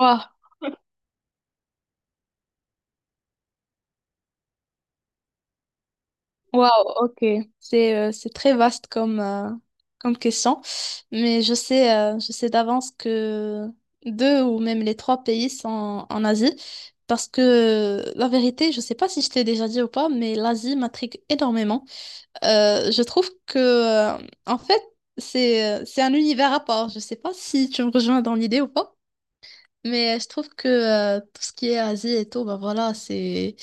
Waouh, ok. C'est très vaste comme, comme question. Mais je sais d'avance que deux ou même les trois pays sont en Asie. Parce que la vérité, je sais pas si je t'ai déjà dit ou pas, mais l'Asie m'intrigue énormément. Je trouve que, en fait, c'est un univers à part. Je sais pas si tu me rejoins dans l'idée ou pas. Mais je trouve que tout ce qui est Asie et tout, bah voilà, c'est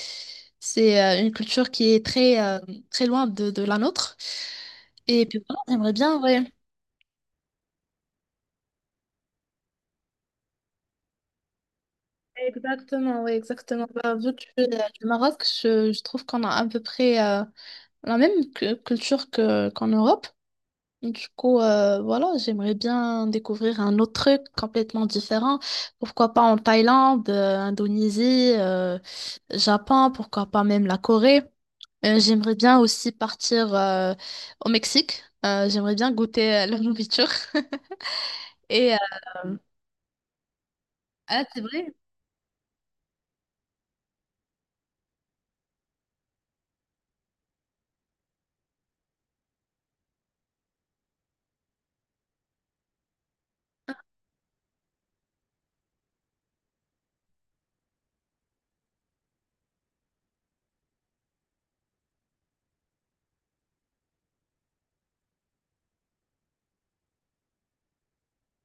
c'est euh, une culture qui est très très loin de la nôtre. Et puis voilà, j'aimerais bien, ouais. Exactement, oui, exactement. Bah, vu que je suis du Maroc, je trouve qu'on a à peu près la même culture que qu'en Europe. Du coup, voilà, j'aimerais bien découvrir un autre truc complètement différent. Pourquoi pas en Thaïlande, Indonésie, Japon, pourquoi pas même la Corée. J'aimerais bien aussi partir au Mexique. J'aimerais bien goûter leur nourriture. Et ah, c'est vrai?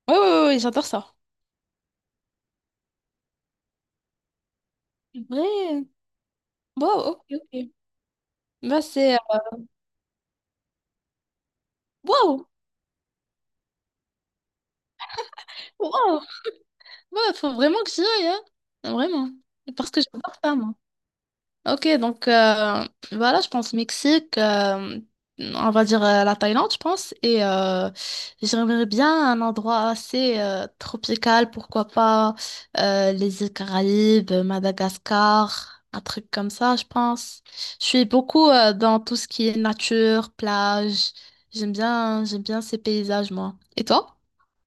Oui, oui, oui, j'adore ça. C'est vrai? Wow, ok, ok. Bah, c'est... Wow! Wow! Ouais, faut vraiment que j'y aille, hein. Vraiment. Parce que j'adore ça, moi. Ok, donc voilà, je pense Mexique, on va dire la Thaïlande, je pense, et j'aimerais bien un endroit assez tropical, pourquoi pas les îles Caraïbes, Madagascar, un truc comme ça, je pense. Je suis beaucoup dans tout ce qui est nature, plage, j'aime bien ces paysages, moi. Et toi?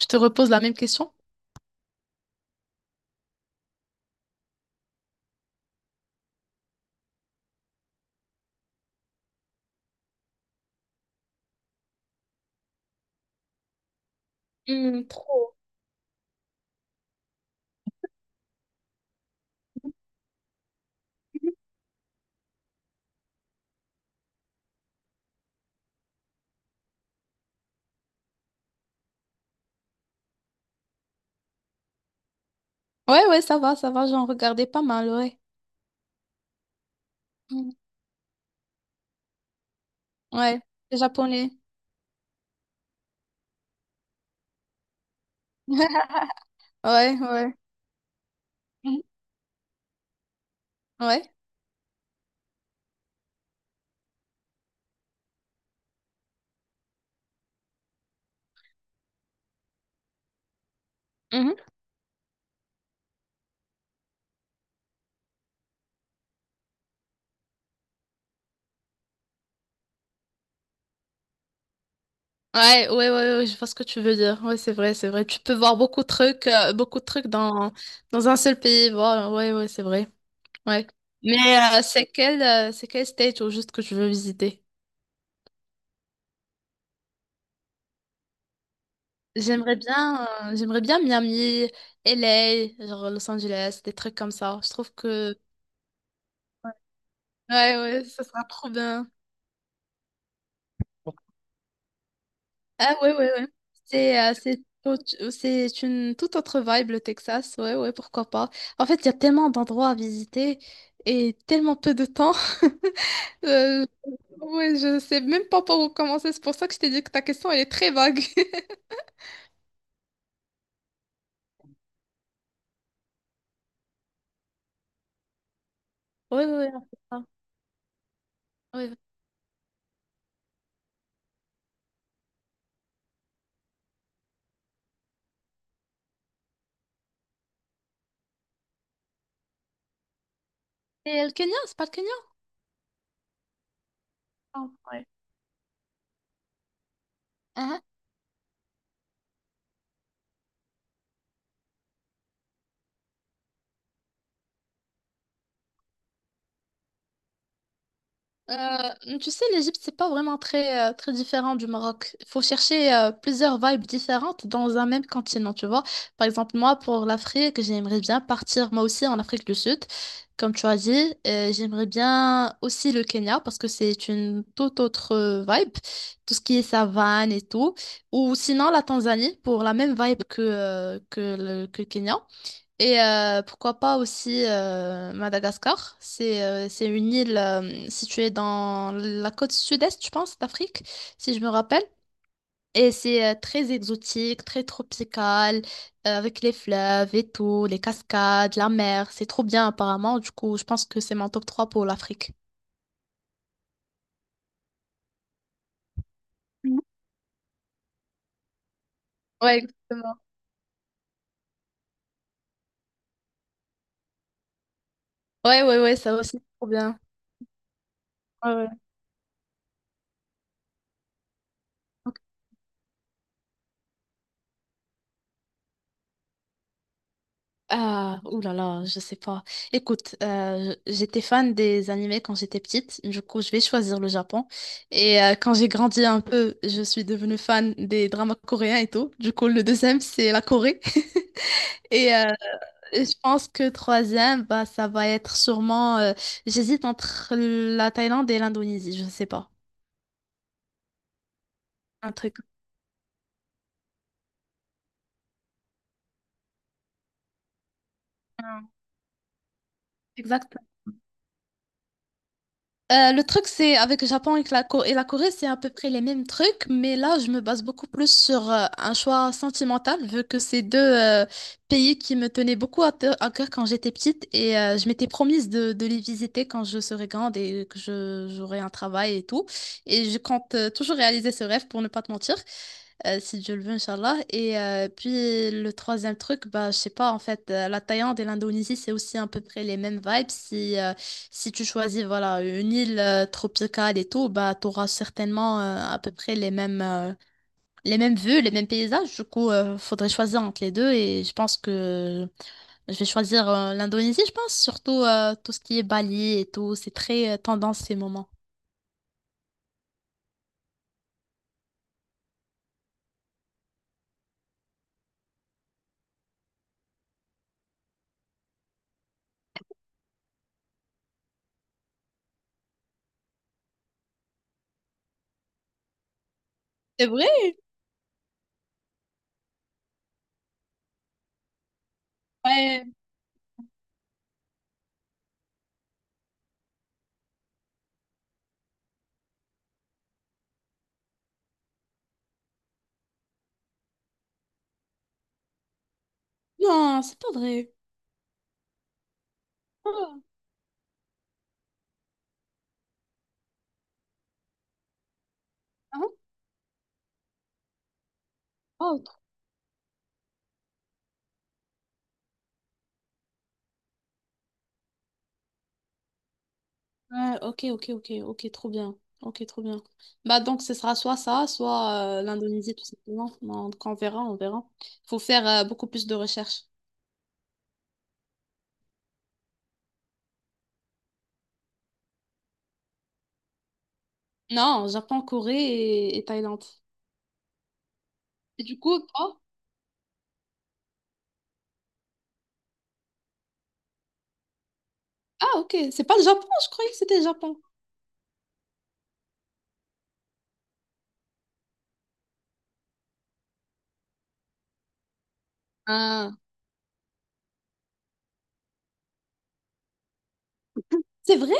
Je te repose la même question? Hmm, trop. Ouais, ouais, ça va, j'en regardais pas mal, ouais. Hmm. Ouais, les Japonais. Ouais, ouais. Mhm. Ouais. Mhm. Ouais, ouais, ouais, ouais, je vois ce que tu veux dire. Ouais, c'est vrai, c'est vrai. Tu peux voir beaucoup de trucs dans un seul pays. Voilà, ouais, ouais, c'est vrai. Ouais. Mais c'est quel state au juste que tu veux visiter? J'aimerais bien Miami, LA genre Los Angeles, des trucs comme ça. Je trouve que, ouais, ouais, ça sera trop bien. Ah ouais, ouais, ouais. C'est c'est une toute autre vibe, le Texas. Ouais, ouais, pourquoi pas. En fait, il y a tellement d'endroits à visiter et tellement peu de temps. Euh, ouais, je sais même pas par où commencer. C'est pour ça que je t'ai dit que ta question, elle est très vague. Ouais, ouais, ouais, on fait ça. Ouais. Et le Kenya, c'est pas le Kenya? Ah, ouais. Tu sais, l'Égypte, c'est pas vraiment très, très différent du Maroc. Il faut chercher plusieurs vibes différentes dans un même continent, tu vois. Par exemple, moi, pour l'Afrique, j'aimerais bien partir, moi aussi, en Afrique du Sud, comme tu as dit. J'aimerais bien aussi le Kenya, parce que c'est une toute autre vibe, tout ce qui est savane et tout. Ou sinon, la Tanzanie, pour la même vibe que le Kenya. Et pourquoi pas aussi Madagascar. C'est une île située dans la côte sud-est, je pense, d'Afrique, si je me rappelle. Et c'est très exotique, très tropical, avec les fleuves et tout, les cascades, la mer. C'est trop bien apparemment. Du coup, je pense que c'est mon top 3 pour l'Afrique. Mhm. Ouais, exactement. Ouais, ouais, ouais, ça aussi, c'est trop bien. Ouais, ouais. Ah, ouh là là, je sais pas. Écoute, j'étais fan des animés quand j'étais petite, du coup je vais choisir le Japon. Et quand j'ai grandi un peu, je suis devenue fan des dramas coréens et tout. Du coup le deuxième c'est la Corée. Et je pense que troisième, bah ça va être sûrement. J'hésite entre la Thaïlande et l'Indonésie, je sais pas. Un truc. Exactement. Le truc, c'est avec le Japon et que et la Corée, c'est à peu près les mêmes trucs, mais là, je me base beaucoup plus sur un choix sentimental, vu que c'est deux pays qui me tenaient beaucoup à, à cœur quand j'étais petite et je m'étais promise de les visiter quand je serai grande et que j'aurai un travail et tout. Et je compte toujours réaliser ce rêve pour ne pas te mentir. Si Dieu le veut, Inch'Allah. Et puis le troisième truc, bah, je sais pas, en fait, la Thaïlande et l'Indonésie, c'est aussi à peu près les mêmes vibes. Si, si tu choisis voilà une île tropicale et tout, bah tu auras certainement à peu près les mêmes vues, les mêmes paysages. Du coup, faudrait choisir entre les deux et je pense que je vais choisir l'Indonésie, je pense, surtout tout ce qui est Bali et tout, c'est très tendance ces moments. C'est vrai? Ouais. Non, c'est pas vrai. Oh, trop- ouais, ok, ok, ok, ok, trop bien. Ok, trop bien. Bah donc ce sera soit ça, soit l'Indonésie tout simplement. Donc on verra, on verra. Faut faire beaucoup plus de recherches. Non, Japon, Corée et Thaïlande. Et du coup, toi? Ah, ok. C'est pas le Japon, je croyais que c'était le Japon. Ah, c'est vrai?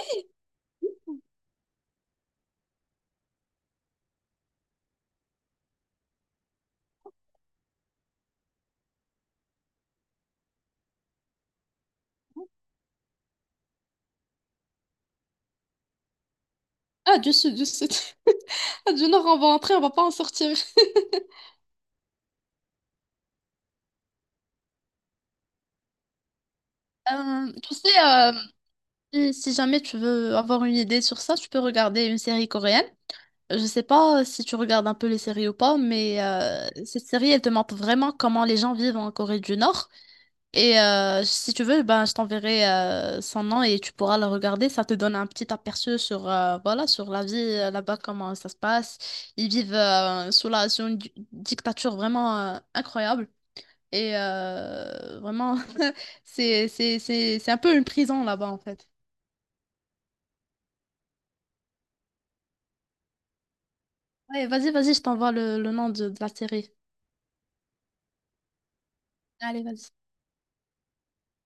Ah, du sud, du sud. Ah, Du nord, on va entrer, on va pas en sortir. Tu sais, si jamais tu veux avoir une idée sur ça, tu peux regarder une série coréenne. Je sais pas si tu regardes un peu les séries ou pas, mais cette série, elle te montre vraiment comment les gens vivent en Corée du Nord. Et si tu veux, ben, je t'enverrai son nom et tu pourras le regarder. Ça te donne un petit aperçu sur, voilà, sur la vie là-bas, comment ça se passe. Ils vivent sous sous une dictature vraiment incroyable. Et vraiment, c'est un peu une prison là-bas, en fait. Ouais, vas-y, vas-y, je t'envoie le nom de la série. Allez, vas-y.